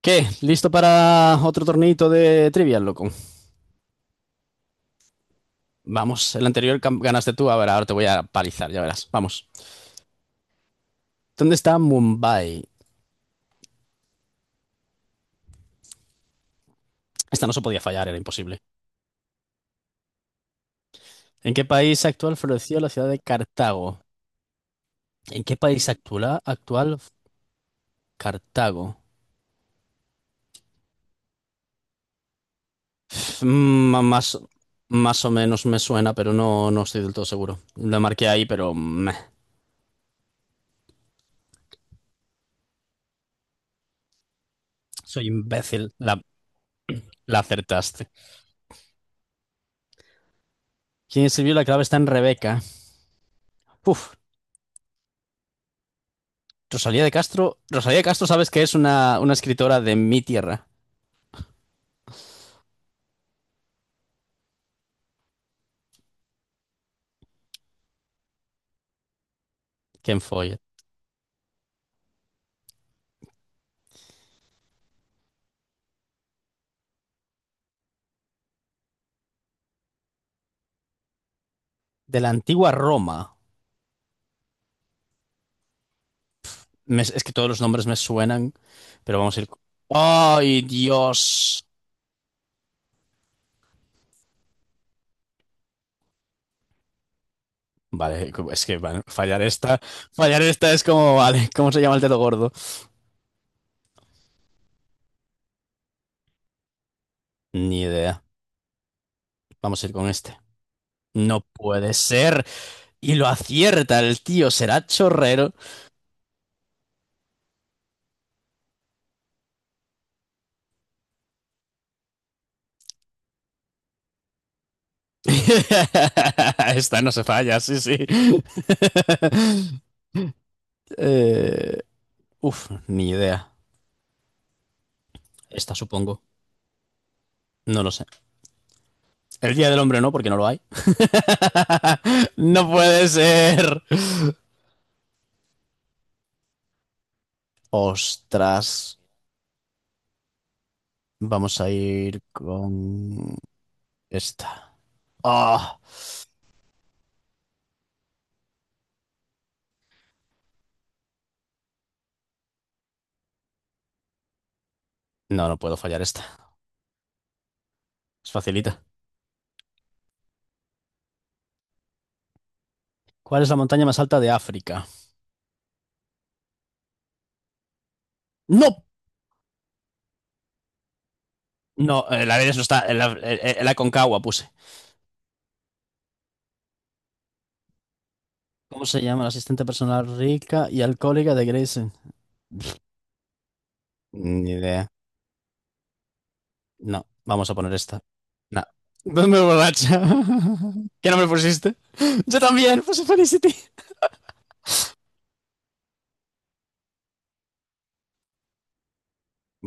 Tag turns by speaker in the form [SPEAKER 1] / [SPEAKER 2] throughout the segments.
[SPEAKER 1] ¿Qué? ¿Listo para otro torneito de trivia, loco? Vamos, el anterior ganaste tú, a ver, ahora te voy a palizar, ya verás. Vamos. ¿Dónde está Mumbai? Esta no se podía fallar, era imposible. ¿En qué país actual floreció la ciudad de Cartago? ¿En qué país actual Cartago? Mm, más, más o menos me suena, pero no, no estoy del todo seguro. La marqué ahí, pero meh, soy imbécil. La acertaste. ¿Quién escribió la clave está en Rebeca? Uf, Rosalía de Castro, sabes que es una escritora de mi tierra, Ken Follett, de la antigua Roma. Es que todos los nombres me suenan, pero vamos a ir. ¡Ay, Dios! Vale, es que bueno, fallar esta es como, vale, ¿cómo se llama el dedo gordo? Ni idea. Vamos a ir con este. No puede ser. Y lo acierta el tío, será chorrero. Esta no se falla, sí, sí. Eh, Uf, ni idea. Esta supongo. No lo sé. El Día del Hombre no, porque no lo hay. No puede ser. Ostras. Vamos a ir con esta. Ah, no, no puedo fallar esta. Es facilita. ¿Cuál es la montaña más alta de África? ¡No! No, la Everest no está. El Aconcagua puse. ¿Cómo se llama la asistente personal rica y alcohólica de Grayson? Ni idea. No, vamos a poner esta. No. ¿Dónde borracha? ¿Qué nombre pusiste? Yo también, puse Felicity.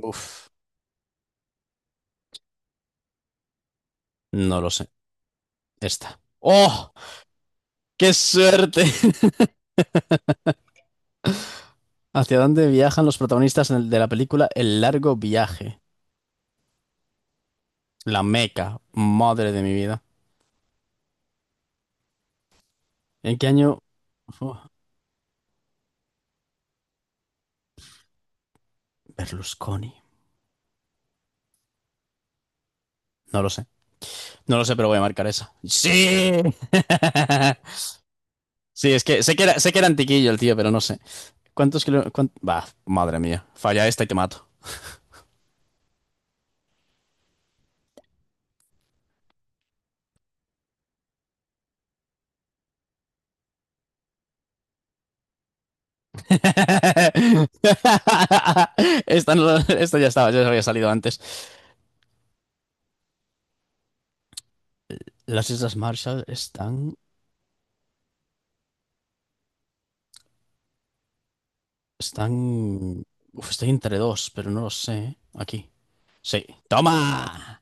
[SPEAKER 1] Uf, no lo sé. Esta. ¡Oh! ¡Qué suerte! ¿Hacia dónde viajan los protagonistas de la película El largo viaje? La Meca. Madre de mi vida. ¿En qué año? Uf, Berlusconi. No lo sé. No lo sé, pero voy a marcar esa. ¡Sí! Sí, es que sé que era antiquillo el tío, pero no sé. ¿Cuántos kilómetros? Bah, madre mía. Falla esta y te mato. Esta, no- esta ya estaba, ya se había salido antes. Las Islas Marshall están, están, uf, estoy entre dos, pero no lo sé. Aquí. Sí. ¡Toma!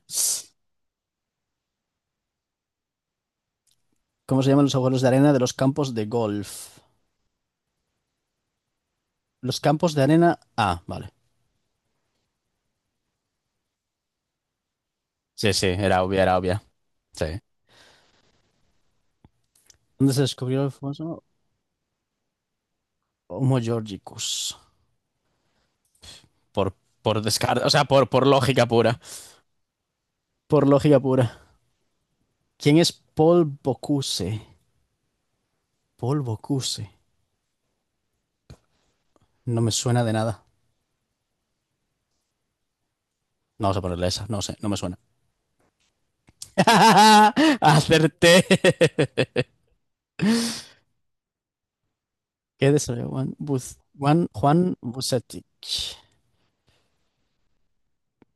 [SPEAKER 1] ¿Cómo se llaman los agujeros de arena de los campos de golf? Los campos de arena. Ah, vale. Sí, sí, era obvia, era obvia. Sí. ¿Dónde se descubrió el famoso Homo Georgicus? Por, por descarte, o sea, por lógica pura. Por lógica pura. ¿Quién es Paul Bocuse? Polvo QC. No me suena de nada. No vamos a ponerle esa, no sé, no me suena. ¡Acerté! ¿Qué deseo? Juan Busetic.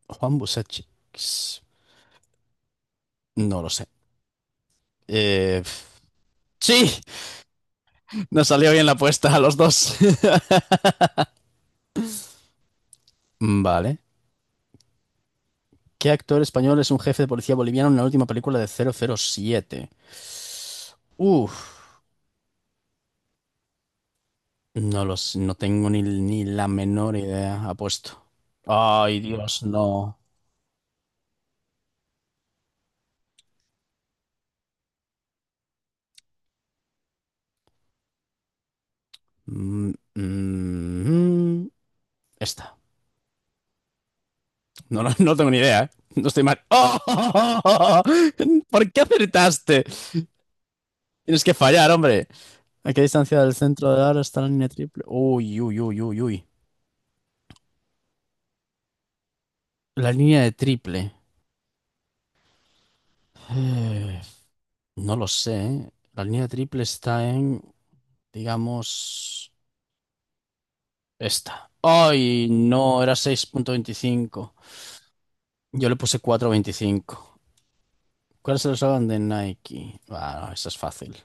[SPEAKER 1] Juan Busetic. No lo sé. Eh, ¡Sí! Nos salió bien la apuesta a los dos. Vale. ¿Qué actor español es un jefe de policía boliviano en la última película de 007? Uf, no lo sé, no tengo ni la menor idea, apuesto. Ay, Dios, no. Mm, mm, Esta. No, no, no tengo ni idea, ¿eh? No estoy mal. ¡Oh! ¿Por qué acertaste? Tienes que fallar, hombre. ¿A qué distancia del centro del aro está la línea triple? Uy, uy, uy, uy, uy. La línea de triple. Eh, no lo sé, ¿eh? La línea de triple está en, digamos, esta. ¡Ay, no! Era 6,25. Yo le puse 4,25. ¿Cuál es el slogan de Nike? Bueno, eso es fácil.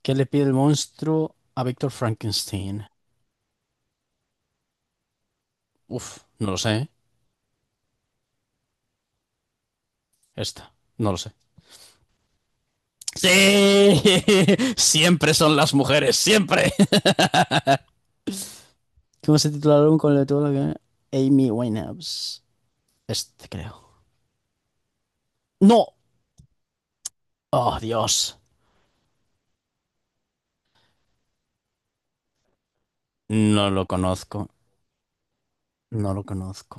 [SPEAKER 1] ¿Qué le pide el monstruo a Víctor Frankenstein? Uf, no lo sé, ¿eh? Esta, no lo sé. ¡Sí! Siempre son las mujeres, siempre. ¿Cómo se titula el álbum con el de todo lo que... Amy Winehouse. Este, creo. ¡No! ¡Oh, Dios! No lo conozco. No lo conozco.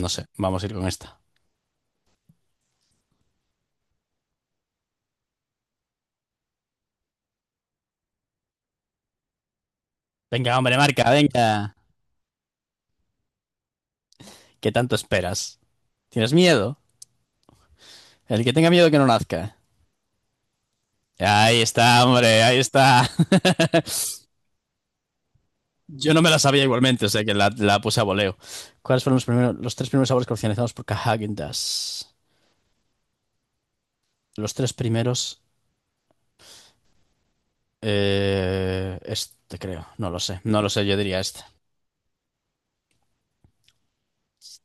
[SPEAKER 1] No sé, vamos a ir con esta. Venga, hombre, marca, venga. ¿Qué tanto esperas? ¿Tienes miedo? El que tenga miedo que no nazca. Ahí está, hombre, ahí está. Yo no me la sabía igualmente, o sea que la puse a voleo. ¿Cuáles fueron los primeros, los tres primeros sabores comercializados por Häagen Dazs? Los tres primeros. Este creo, no lo sé, no lo sé, yo diría este.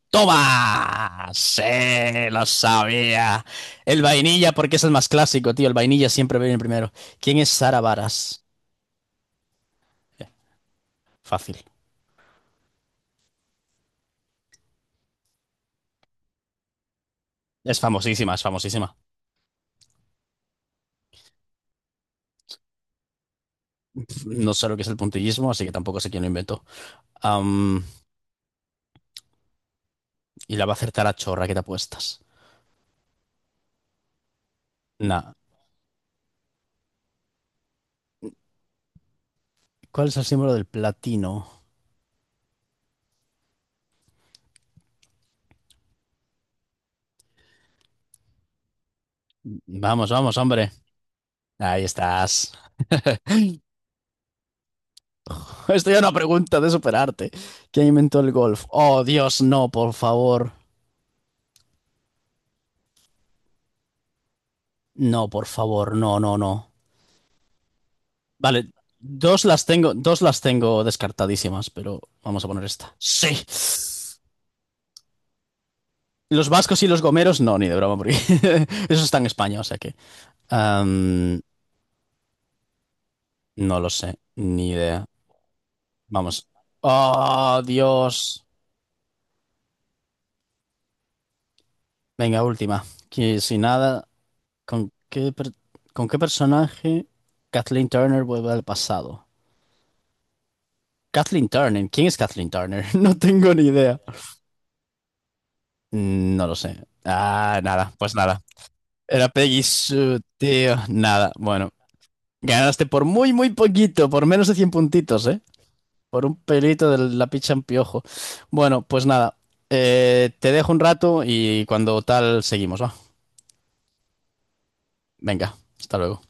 [SPEAKER 1] ¡Toma! Sí, lo sabía. El vainilla, porque es el más clásico, tío. El vainilla siempre viene primero. ¿Quién es Sara Baras? Eh, Fácil. Es famosísima, es famosísima. No sé lo que es el puntillismo, así que tampoco sé quién lo inventó. Am, y la va a acertar a chorra, ¿qué te apuestas? Nah. ¿Cuál es el símbolo del platino? Vamos, vamos, hombre. Ahí estás. Estoy a una pregunta de superarte. ¿Quién inventó el golf? Oh, Dios, no, por favor. No, por favor, no, no, no. Vale, dos las tengo descartadísimas, pero vamos a poner esta. Sí. Los vascos y los gomeros, no, ni de broma, porque eso está en España, o sea que. am, no lo sé, ni idea. Vamos. Oh, Dios. Venga, última. Que si nada, ¿Con qué, con qué personaje Kathleen Turner vuelve al pasado? Kathleen Turner, ¿quién es Kathleen Turner? No tengo ni idea. No lo sé. Ah, nada, pues nada. Era Peggy Sue, tío. Nada, bueno. Ganaste por muy, muy poquito, por menos de 100 puntitos, ¿eh? Por un pelito de la picha en piojo. Bueno, pues nada. Te dejo un rato y cuando tal seguimos, ¿va? Venga, hasta luego.